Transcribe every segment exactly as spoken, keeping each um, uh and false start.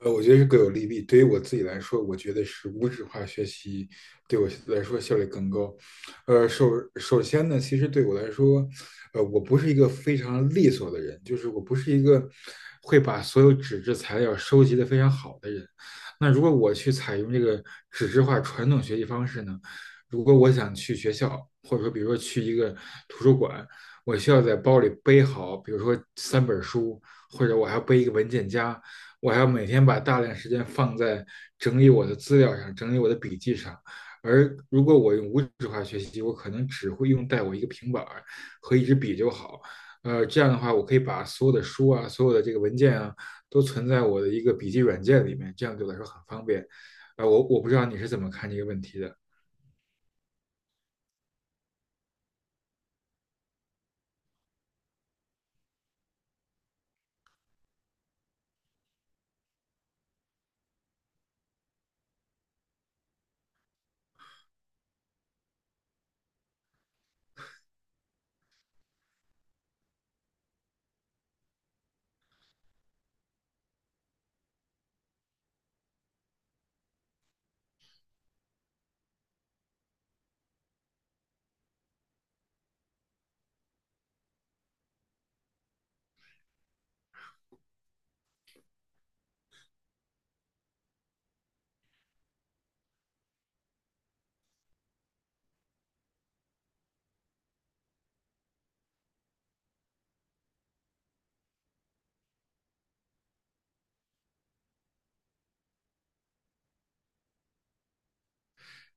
呃，我觉得是各有利弊。对于我自己来说，我觉得是无纸化学习对我来说效率更高。呃，首首先呢，其实对我来说，呃，我不是一个非常利索的人，就是我不是一个会把所有纸质材料收集的非常好的人。那如果我去采用这个纸质化传统学习方式呢，如果我想去学校，或者说比如说去一个图书馆，我需要在包里背好，比如说三本书，或者我还要背一个文件夹。我还要每天把大量时间放在整理我的资料上，整理我的笔记上。而如果我用无纸化学习，我可能只会用带我一个平板和一支笔就好。呃，这样的话，我可以把所有的书啊、所有的这个文件啊，都存在我的一个笔记软件里面，这样对我来说很方便。啊、呃我我不知道你是怎么看这个问题的。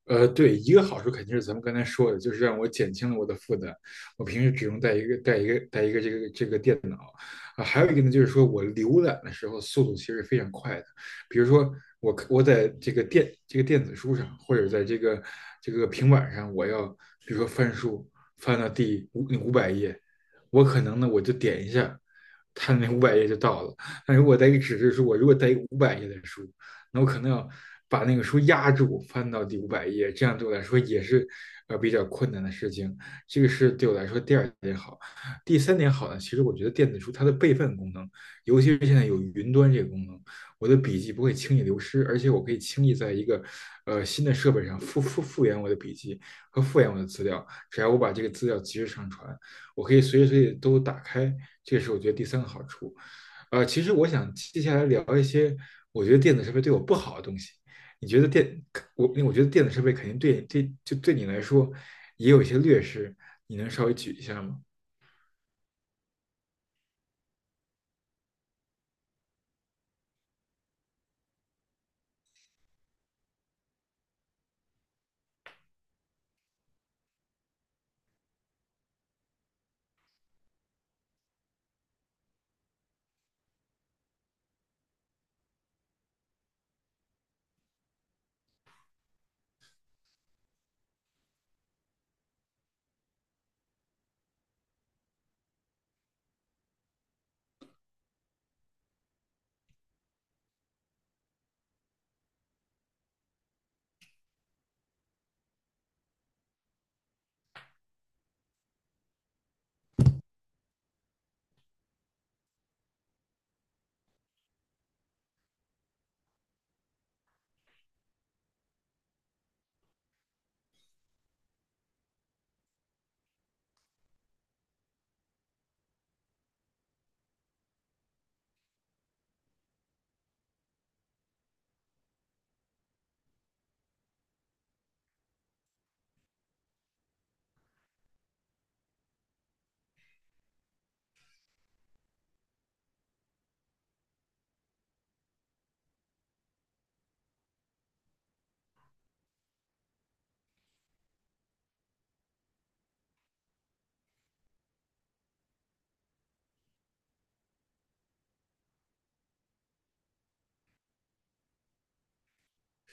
呃，对，一个好处肯定是咱们刚才说的，就是让我减轻了我的负担。我平时只用带一个、带一个、带一个这个这个电脑啊，还有一个呢，就是说我浏览的时候速度其实非常快的。比如说我我在这个电这个电子书上，或者在这个这个平板上，我要比如说翻书翻到第五五百页，我可能呢我就点一下，它那五百页就到了。但如果带一个纸质书，我如果带一个五百页的书，那我可能要把那个书压住，翻到第五百页，这样对我来说也是呃比较困难的事情。这个是对我来说第二点好。第三点好呢，其实我觉得电子书它的备份功能，尤其是现在有云端这个功能，我的笔记不会轻易流失，而且我可以轻易在一个呃新的设备上复复复原我的笔记和复原我的资料，只要我把这个资料及时上传，我可以随时随地都打开。这是我觉得第三个好处。呃，其实我想接下来聊一些，我觉得电子设备对我不好的东西。你觉得电，我我觉得电子设备肯定对对，就对你来说也有一些劣势，你能稍微举一下吗？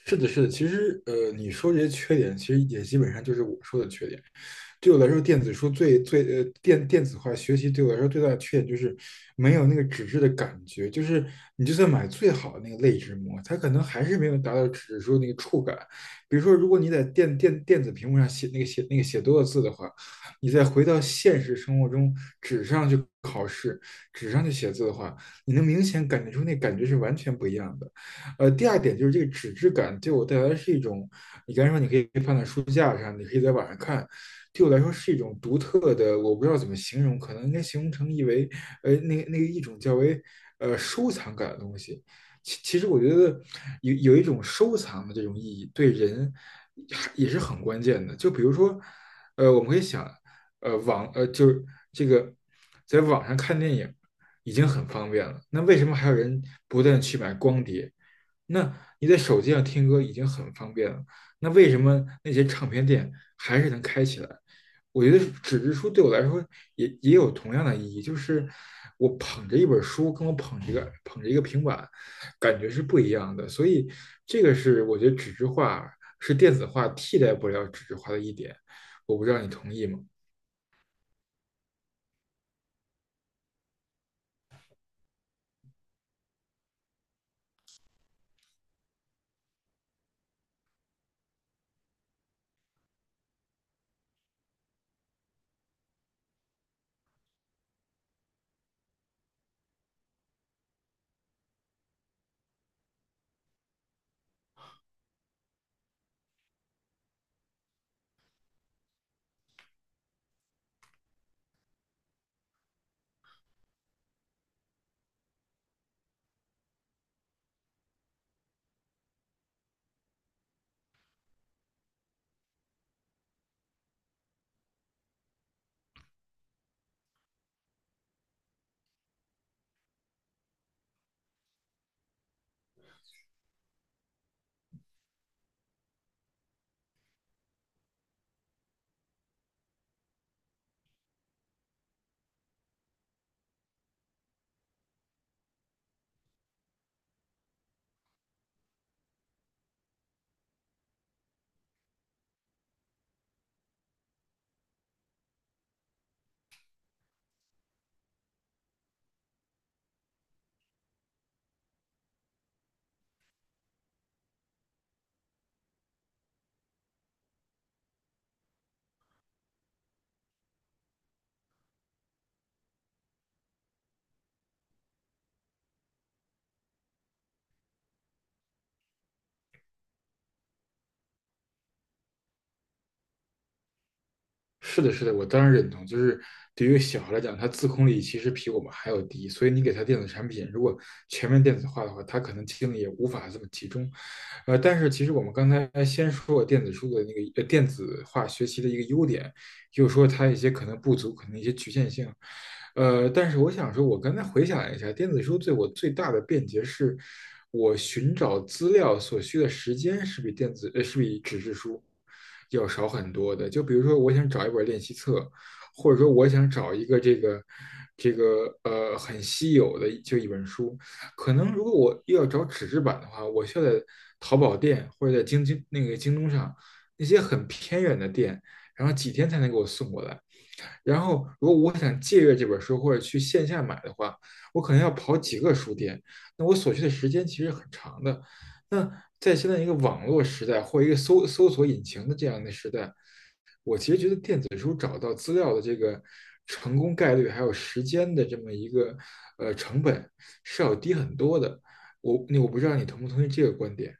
是的，是的，其实呃，你说这些缺点，其实也基本上就是我说的缺点。对我来说，电子书最最呃电电子化学习对我来说最大的缺点就是没有那个纸质的感觉，就是你就算买最好的那个类纸膜，它可能还是没有达到纸质书那个触感。比如说，如果你在电电电子屏幕上写那个写那个写多了字的话，你再回到现实生活中纸上去考试、纸上去写字的话，你能明显感觉出那感觉是完全不一样的。呃，第二点就是这个纸质感对我带来是一种，你刚才说你可以放在书架上，你可以在网上看，对我来说是一种独特的，我不知道怎么形容，可能应该形容成一为，呃，那那个一种较为呃收藏感的东西。其其实我觉得有有一种收藏的这种意义，对人也是很关键的。就比如说，呃，我们可以想，呃，网呃就是这个在网上看电影已经很方便了，那为什么还有人不断去买光碟？那你在手机上听歌已经很方便了，那为什么那些唱片店还是能开起来？我觉得纸质书对我来说也也有同样的意义，就是我捧着一本书，跟我捧一个捧着一个平板，感觉是不一样的。所以这个是我觉得纸质化是电子化替代不了纸质化的一点，我不知道你同意吗？是的，是的，我当然认同。就是对于小孩来讲，他自控力其实比我们还要低，所以你给他电子产品，如果全面电子化的话，他可能精力也无法这么集中。呃，但是其实我们刚才先说过电子书的那个呃电子化学习的一个优点，又说它一些可能不足，可能一些局限性。呃，但是我想说，我刚才回想了一下，电子书对我最大的便捷是，我寻找资料所需的时间是比电子呃是比纸质书要少很多的。就比如说，我想找一本练习册，或者说我想找一个这个这个呃很稀有的就一本书，可能如果我又要找纸质版的话，我需要在淘宝店或者在京京那个京东上那些很偏远的店然后几天才能给我送过来。然后如果我想借阅这本书或者去线下买的话，我可能要跑几个书店，那我所需的时间其实很长的。那在现在一个网络时代或一个搜搜索引擎的这样的时代，电子书找到资料的这个成功概率还有时间的这么一个呃成本是要低很多的。我那我不知道你同不同意这个观点。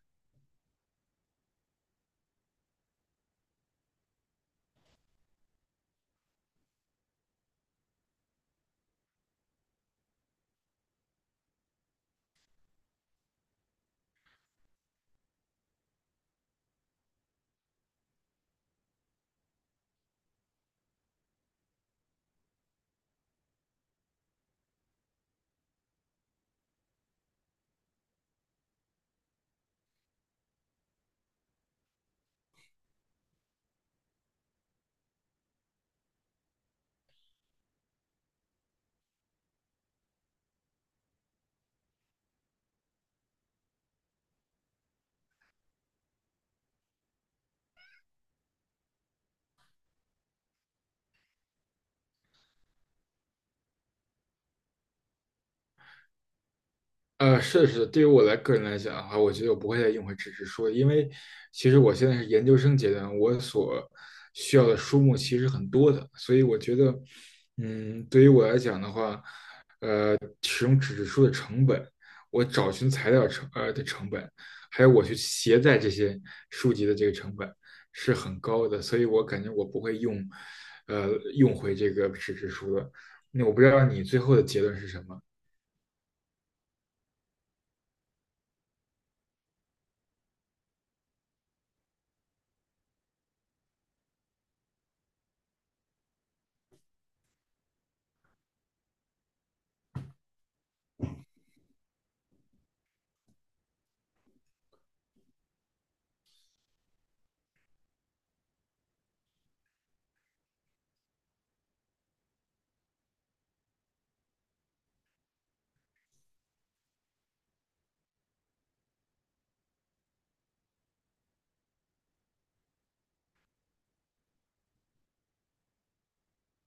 呃，是是，对于我来个人来讲的话，我觉得我不会再用回纸质书，因为其实我现在是研究生阶段，我所需要的书目其实很多的，所以我觉得，嗯，对于我来讲的话，呃，使用纸质书的成本，我找寻材料成呃的成本，还有我去携带这些书籍的这个成本是很高的，所以我感觉我不会用，呃，用回这个纸质书的。那我不知道你最后的结论是什么。